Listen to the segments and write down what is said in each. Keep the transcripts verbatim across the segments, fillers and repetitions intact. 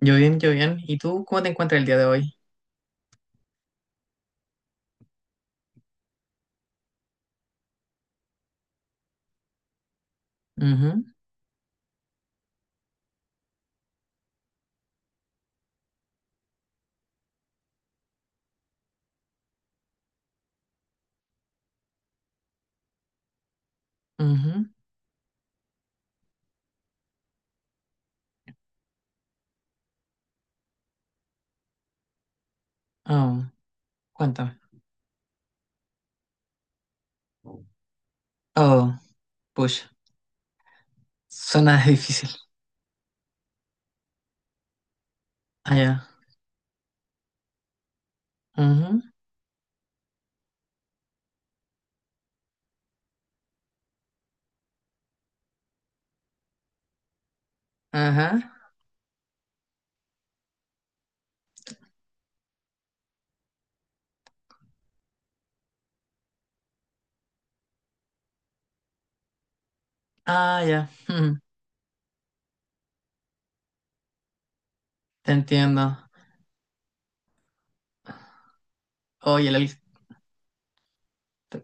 Yo bien, yo bien. ¿Y tú cómo te encuentras el día de hoy? Ujú, ujú. Oh, cuéntame. Oh, push. Suena difícil. Ah, ya. Ujú, ajá. Ah, ya. Ujú. Te entiendo. Oye, el, el- t-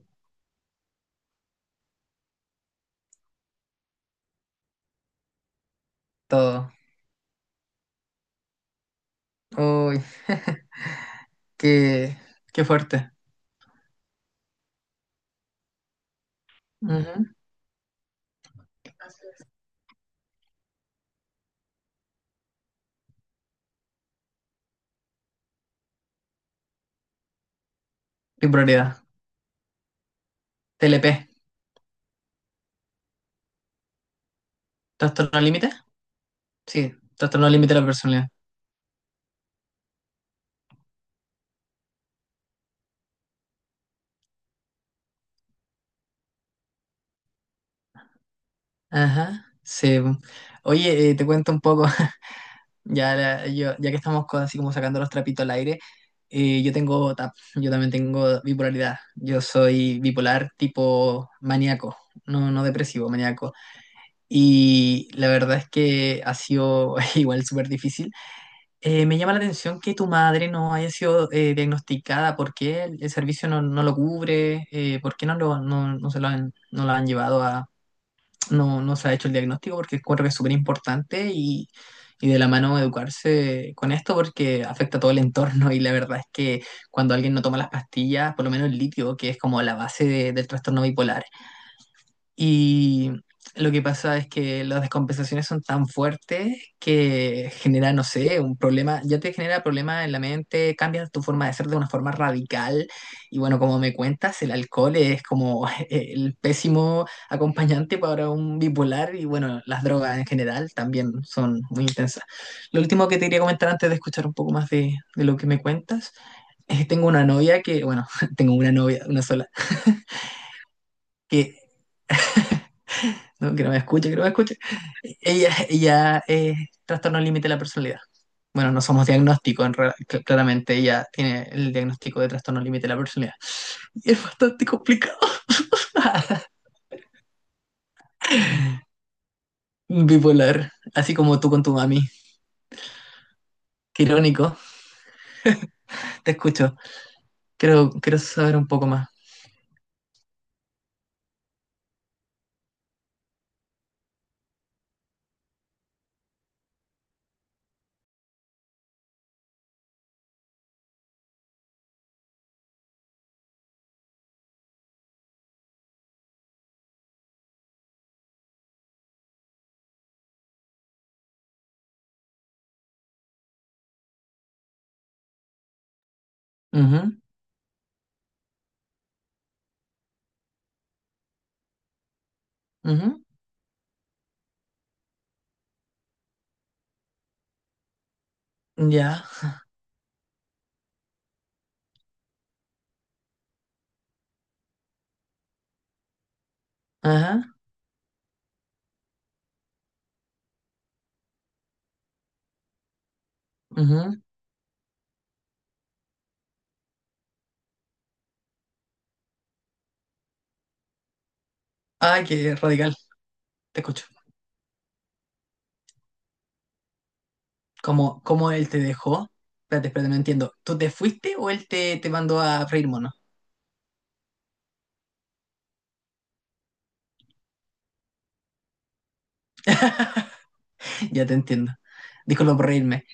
todo. Uy, qué, qué fuerte. Ujú. Mi prioridad. T L P. ¿Trastorno límite? Sí, trastorno límite de la personalidad. Ajá. Sí. Oye, eh, te cuento un poco. Ya, la- yo- ya que estamos co- así como sacando los trapitos al aire. eh, yo tengo T A P, yo también tengo bipolaridad. Yo soy bipolar tipo maníaco, no, no depresivo, maníaco. Y la verdad es que ha sido igual súper difícil. Eh, me llama la atención que tu madre no haya sido eh, diagnosticada. ¿Por qué el, el servicio no, no lo cubre? Eh, ¿por qué no, lo, no, no se lo han, no lo han llevado, no, no se ha hecho el diagnóstico? Porque encuentro que es súper importante, y, y de la mano educarse con esto porque afecta a todo el entorno. Y la verdad es que cuando alguien no toma las pastillas, por lo menos el litio, que es como la base de- del trastorno bipolar, y lo que pasa es que las descompensaciones son tan fuertes que genera, no sé, un problema, ya te genera problemas en la mente, cambias tu forma de ser de una forma radical. Y bueno, como me cuentas, el alcohol es como el pésimo acompañante para un bipolar, y bueno, las drogas en general también son muy intensas. Lo último que te quería comentar antes de escuchar un poco más de, de lo que me cuentas, es que tengo una novia que, bueno, tengo una novia, una sola que no, que no me escuche, que no me escuche. Ella, ella es trastorno límite de la personalidad. Bueno, no somos diagnóstico, en real- cl- claramente ella tiene el diagnóstico de trastorno límite de la personalidad. Y es bastante complicado. Bipolar, así como tú con tu mami. Qué irónico. Te escucho. Quiero, quiero saber un poco más. Ujú, ujú, ya. Ajá. Ujú. Ay, qué radical. Te escucho. ¿Cómo, cómo él te dejó? Espérate, espérate, no entiendo. ¿Tú te fuiste o él te, te mandó a freír mono? Ya te entiendo. Disculpa por reírme.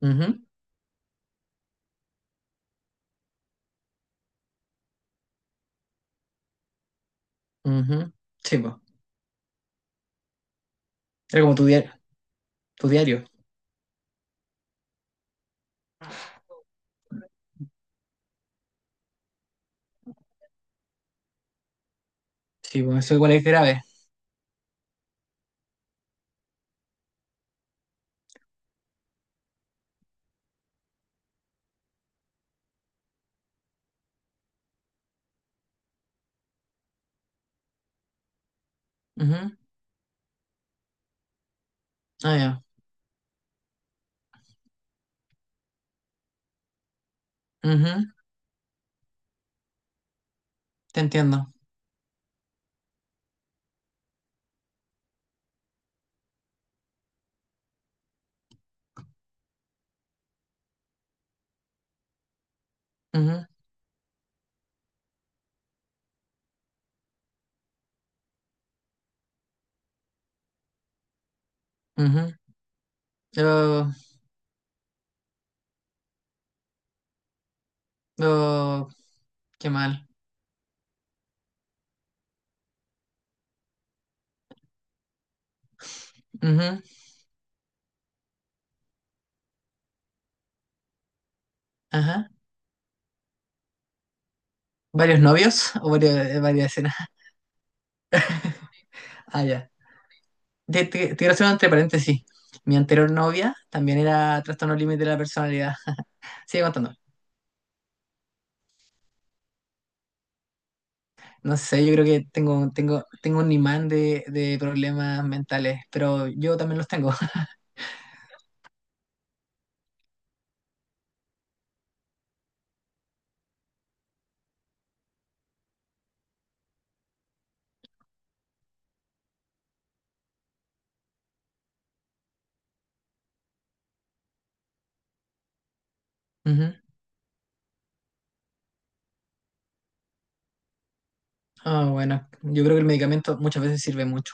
Ujú, ujú. Sí, pues. Era como tu diario. Tu diario. Sí, pues eso igual es grave. Ujú. Ah, ya. Ujú. Te entiendo. Ujú, ujú. Pero, pero, qué mal. Ujú, ajá. ¿Varios novios o varios- eh, varias escenas? Ah, ya. Te, te- te- quiero hacer un entre paréntesis. Mi anterior novia también era trastorno límite de la personalidad. Sigue contando. No sé, yo creo que tengo, tengo, tengo un imán de, de problemas mentales, pero yo también los tengo. Ujú. Ah, bueno, yo creo que el medicamento muchas veces sirve mucho.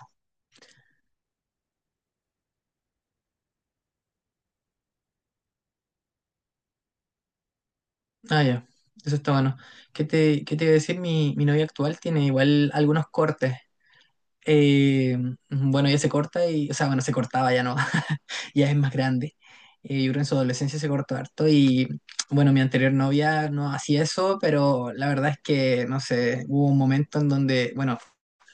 Ah, ya, eso está bueno. ¿Qué te, qué te iba a decir? Mi, mi novia actual tiene igual algunos cortes. Eh, bueno, ella se corta y, o sea, bueno, se cortaba ya no, ya es más grande. Eh, yo creo que en su adolescencia se cortó harto y, bueno, mi anterior novia no hacía eso, pero la verdad es que, no sé, hubo un momento en donde, bueno,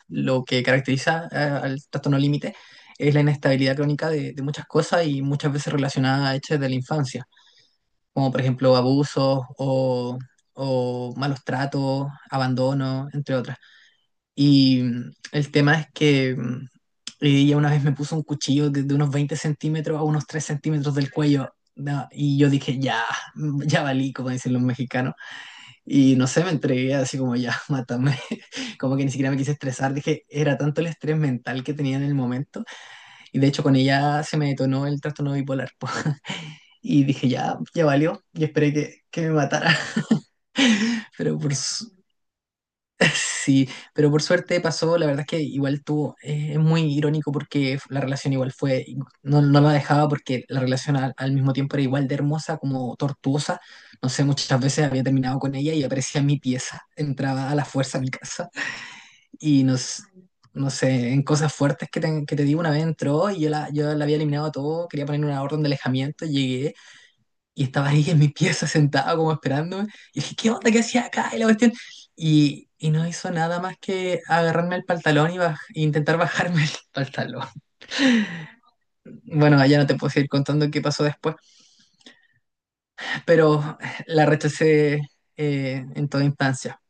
lo que caracteriza a- al trastorno límite es la inestabilidad crónica de, de muchas cosas y muchas veces relacionada a hechos de la infancia, como por ejemplo abusos o, o malos tratos, abandono, entre otras. Y mm, el tema es que mm, ella una vez me puso un cuchillo de, de unos veinte centímetros a unos tres centímetros del cuello. No, y yo dije, ya, mm, ya valí, como dicen los mexicanos. Y no sé, me entregué así como ya, mátame. Como que ni siquiera me quise estresar. Dije, era tanto el estrés mental que tenía en el momento. Y de hecho, con ella se me detonó el trastorno bipolar. Po. Y dije, ya, ya valió. Y esperé que, que me matara. Pero por, su- sí, pero por suerte pasó. La verdad es que igual tuvo, eh, es muy irónico porque la relación igual fue, no, no la dejaba porque la relación al, al mismo tiempo era igual de hermosa como tortuosa. No sé, muchas veces había terminado con ella y aparecía en mi pieza, entraba a la fuerza a mi casa y nos, no sé, en cosas fuertes que te, que te digo, una vez entró y yo la, yo la había eliminado a todo, quería poner una orden de alejamiento, llegué. Y estaba ahí en mi pieza sentado como esperándome. Y dije, ¿qué onda? ¿Qué hacía acá? Y la cuestión. Y, y no hizo nada más que agarrarme el pantalón y baj- e intentar bajarme el pantalón. Bueno, ya no te puedo seguir contando qué pasó después, pero la rechacé eh, en toda instancia.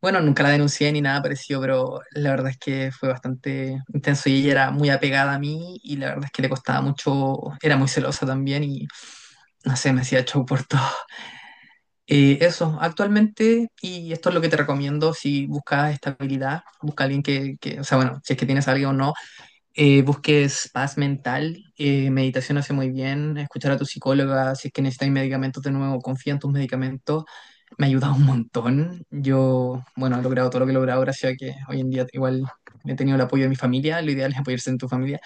Bueno, nunca la denuncié ni nada parecido, pero la verdad es que fue bastante intenso y ella era muy apegada a mí y la verdad es que le costaba mucho, era muy celosa también y no sé, me hacía show por todo. Eh, eso, actualmente, y esto es lo que te recomiendo: si buscas estabilidad, busca alguien que, que, o sea, bueno, si es que tienes a alguien o no, eh, busques paz mental, eh, meditación hace muy bien, escuchar a tu psicóloga, si es que necesitas medicamentos de nuevo, confía en tus medicamentos, me ha ayudado un montón. Yo, bueno, he logrado todo lo que he logrado gracias a que hoy en día igual he tenido el apoyo de mi familia. Lo ideal es apoyarse en tu familia.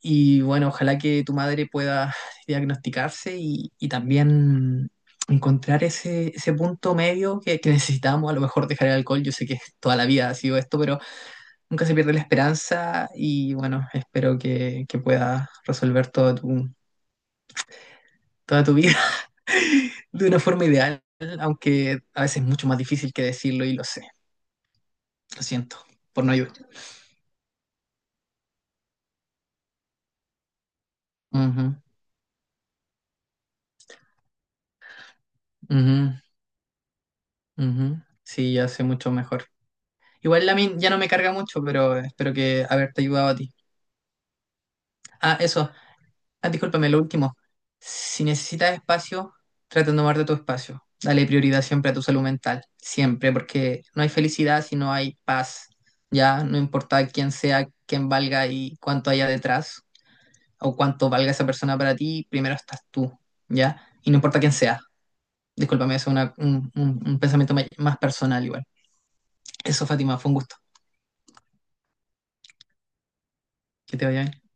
Y bueno, ojalá que tu madre pueda diagnosticarse y, y también encontrar ese, ese punto medio que, que necesitamos. A lo mejor dejar el alcohol, yo sé que toda la vida ha sido esto, pero nunca se pierde la esperanza y bueno, espero que, que pueda resolver toda tu, toda tu vida de una forma ideal, aunque a veces es mucho más difícil que decirlo, y lo sé. Lo siento, por no ayudar. Ujú, ujú, ujú. Sí, ya sé mucho mejor. Igual la min ya no me carga mucho, pero espero que haberte ayudado a ti. Ah, eso. Ah, discúlpame, lo último. Si necesitas espacio, trata de tomarte tu espacio. Dale prioridad siempre a tu salud mental. Siempre, porque no hay felicidad si no hay paz. Ya, no importa quién sea, quién valga y cuánto haya detrás, o cuánto valga esa persona para ti, primero estás tú. ¿Ya? Y no importa quién sea. Discúlpame, eso es una- un, un- un pensamiento ma- más personal igual. Eso, Fátima, fue un gusto. Que te vaya bien.